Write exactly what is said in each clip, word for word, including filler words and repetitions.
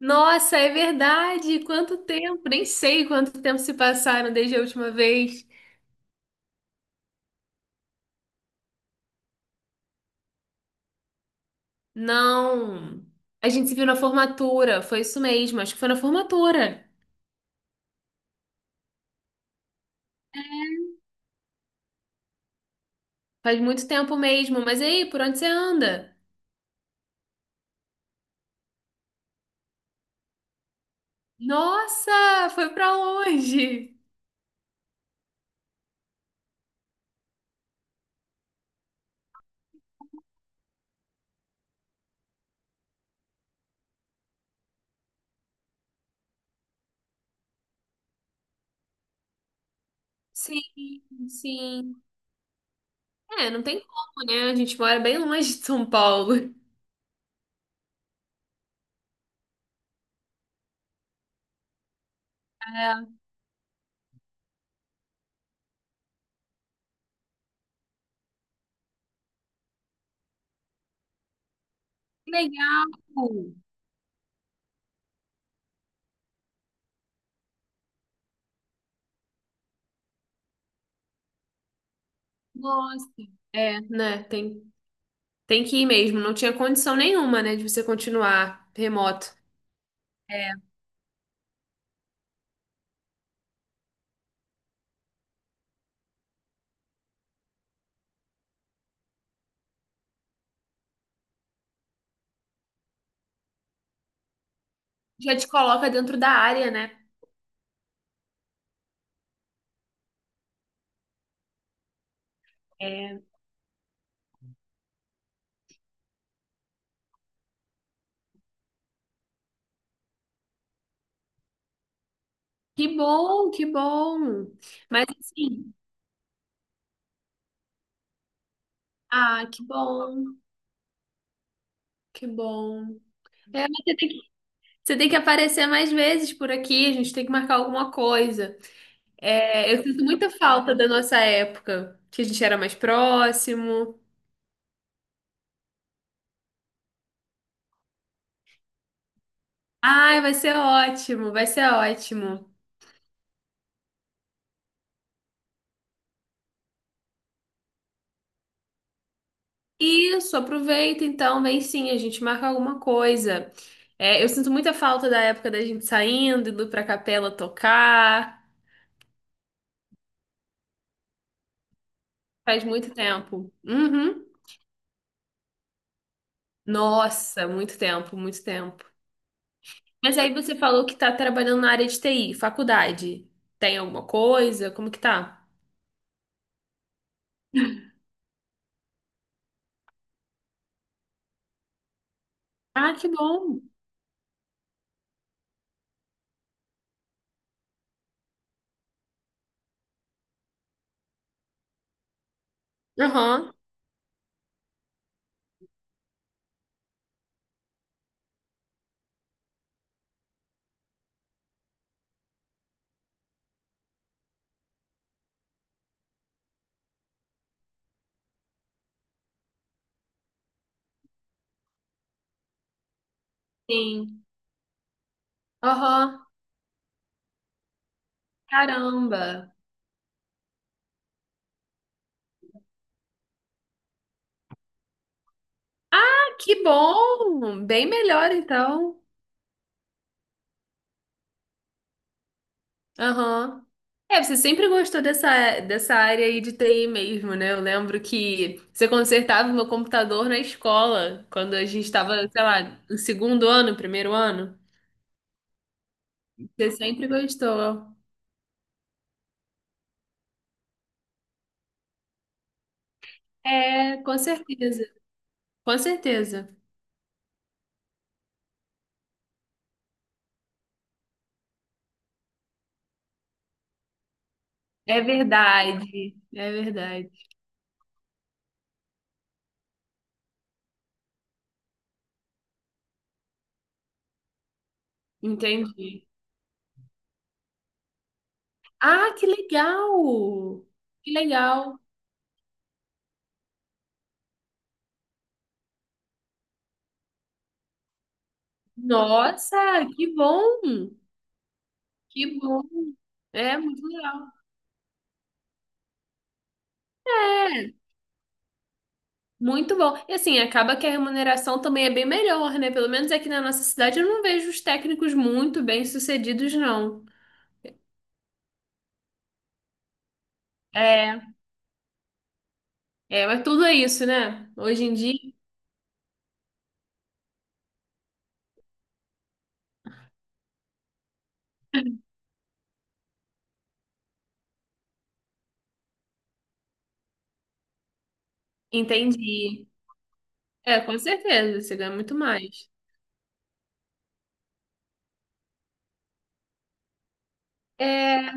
Nossa, é verdade! Quanto tempo! Nem sei quanto tempo se passaram desde a última vez. Não, a gente se viu na formatura, foi isso mesmo, acho que foi na formatura. Faz muito tempo mesmo, mas e aí, por onde você anda? Nossa, foi pra longe! Sim, sim. É, não tem como, né? A gente mora bem longe de São Paulo. É, que legal! Nossa, é, né? Tem, Tem que ir mesmo, não tinha condição nenhuma, né, de você continuar remoto. É, já te coloca dentro da área, né? É. Que bom, que bom. Mas assim, ah, que bom, que bom. É, mas você tem que, você tem que aparecer mais vezes por aqui, a gente tem que marcar alguma coisa. É, eu sinto muita falta da nossa época, que a gente era mais próximo. Ai, vai ser ótimo, vai ser ótimo. Isso, aproveita então, vem sim, a gente marca alguma coisa. É, eu sinto muita falta da época da gente saindo, indo pra capela tocar. Faz muito tempo. Uhum. Nossa, muito tempo, muito tempo. Mas aí você falou que tá trabalhando na área de T I, faculdade. Tem alguma coisa? Como que tá? Ah, que bom. Aham, sim. Aham, caramba. Ah, que bom! Bem melhor então. Aham. É, você sempre gostou dessa, dessa área aí de T I mesmo, né? Eu lembro que você consertava o meu computador na escola, quando a gente estava, sei lá, no segundo ano, primeiro ano. Você sempre gostou. É, com certeza. Com certeza. É verdade. É verdade. Entendi. Ah, que legal! Que legal! Nossa, que bom! Que bom! É muito legal. É. Muito bom. E assim, acaba que a remuneração também é bem melhor, né? Pelo menos aqui na nossa cidade eu não vejo os técnicos muito bem-sucedidos, não. É, é, mas tudo é isso, né? Hoje em dia, entendi. É, com certeza, você ganha muito mais. É,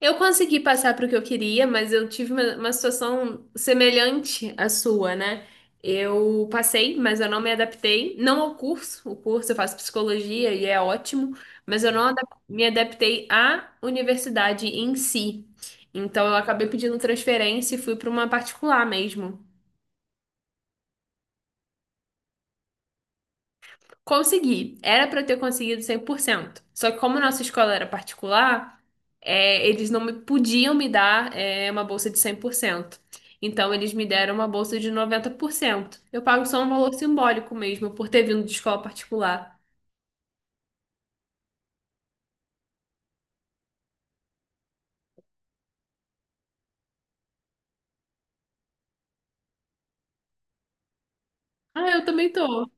eu consegui passar para o que eu queria, mas eu tive uma, uma situação semelhante à sua, né? Eu passei, mas eu não me adaptei, não ao curso, o curso eu faço psicologia e é ótimo, mas eu não adap- me adaptei à universidade em si. Então eu acabei pedindo transferência e fui para uma particular mesmo. Consegui. Era para eu ter conseguido cem por cento. Só que como nossa escola era particular, é, eles não me podiam me dar é, uma bolsa de cem por cento. Então eles me deram uma bolsa de noventa por cento. Eu pago só um valor simbólico mesmo por ter vindo de escola particular. Ah, eu também tô.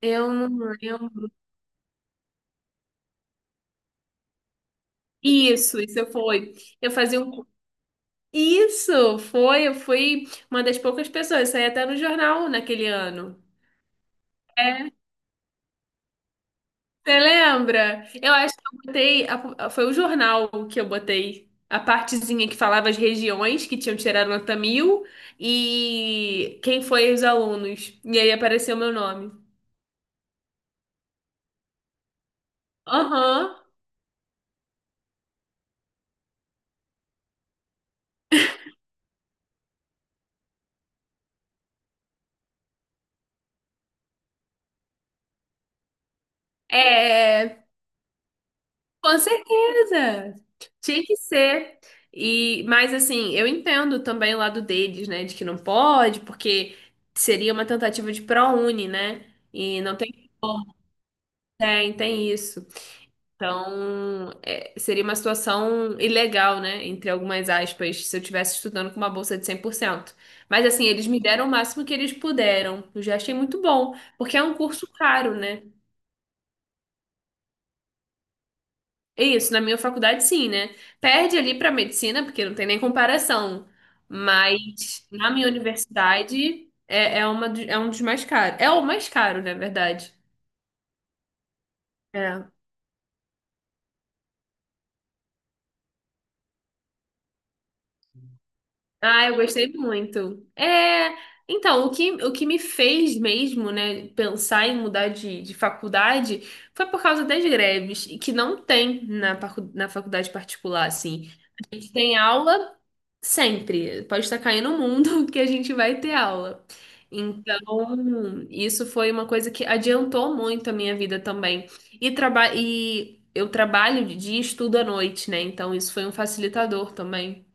Eu não, eu... Isso, isso foi. Eu fazia um. Isso, foi, eu fui uma das poucas pessoas, saí até no jornal naquele ano. Você lembra? Eu acho que eu botei. A- foi o jornal que eu botei. A partezinha que falava as regiões que tinham tirado nota mil e quem foi os alunos. E aí apareceu meu nome. Aham. É, com certeza. Tinha que ser. E, mas assim, eu entendo também o lado deles, né? De que não pode, porque seria uma tentativa de ProUni, né? E não tem como. Tem, tem isso. Então, é, seria uma situação ilegal, né? Entre algumas aspas, se eu estivesse estudando com uma bolsa de cem por cento. Mas, assim, eles me deram o máximo que eles puderam. Eu já achei muito bom, porque é um curso caro, né? É. Isso, na minha faculdade, sim, né? Perde ali para medicina, porque não tem nem comparação. Mas, na minha universidade, é, é, uma, do- é um dos mais caros. É o mais caro, na verdade. É. Ah, eu gostei muito. É, então, o que, o que me fez mesmo, né, pensar em mudar de, de faculdade foi por causa das greves, e que não tem na, facu- na faculdade particular, assim. A gente tem aula sempre. Pode estar caindo o mundo que a gente vai ter aula. Então, isso foi uma coisa que adiantou muito a minha vida também. E, traba e eu trabalho de dia e estudo à noite, né? Então, isso foi um facilitador também.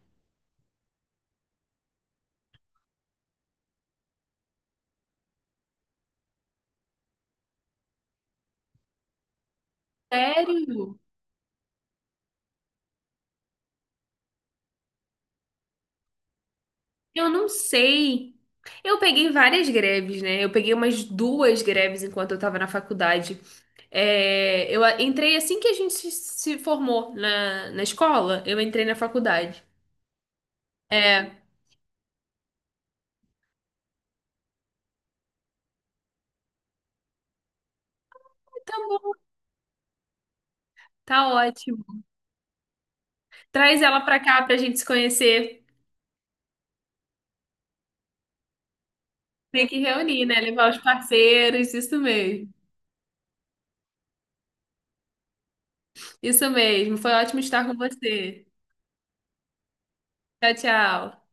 Sério? Eu não sei. Eu peguei várias greves, né? Eu peguei umas duas greves enquanto eu tava na faculdade. É, eu a- entrei assim que a gente se se formou na, na escola, eu entrei na faculdade. É, tá bom, tá ótimo. Traz ela pra cá pra gente se conhecer. Tem que reunir, né? Levar os parceiros, isso mesmo. Isso mesmo. Foi ótimo estar com você. Tchau, tchau.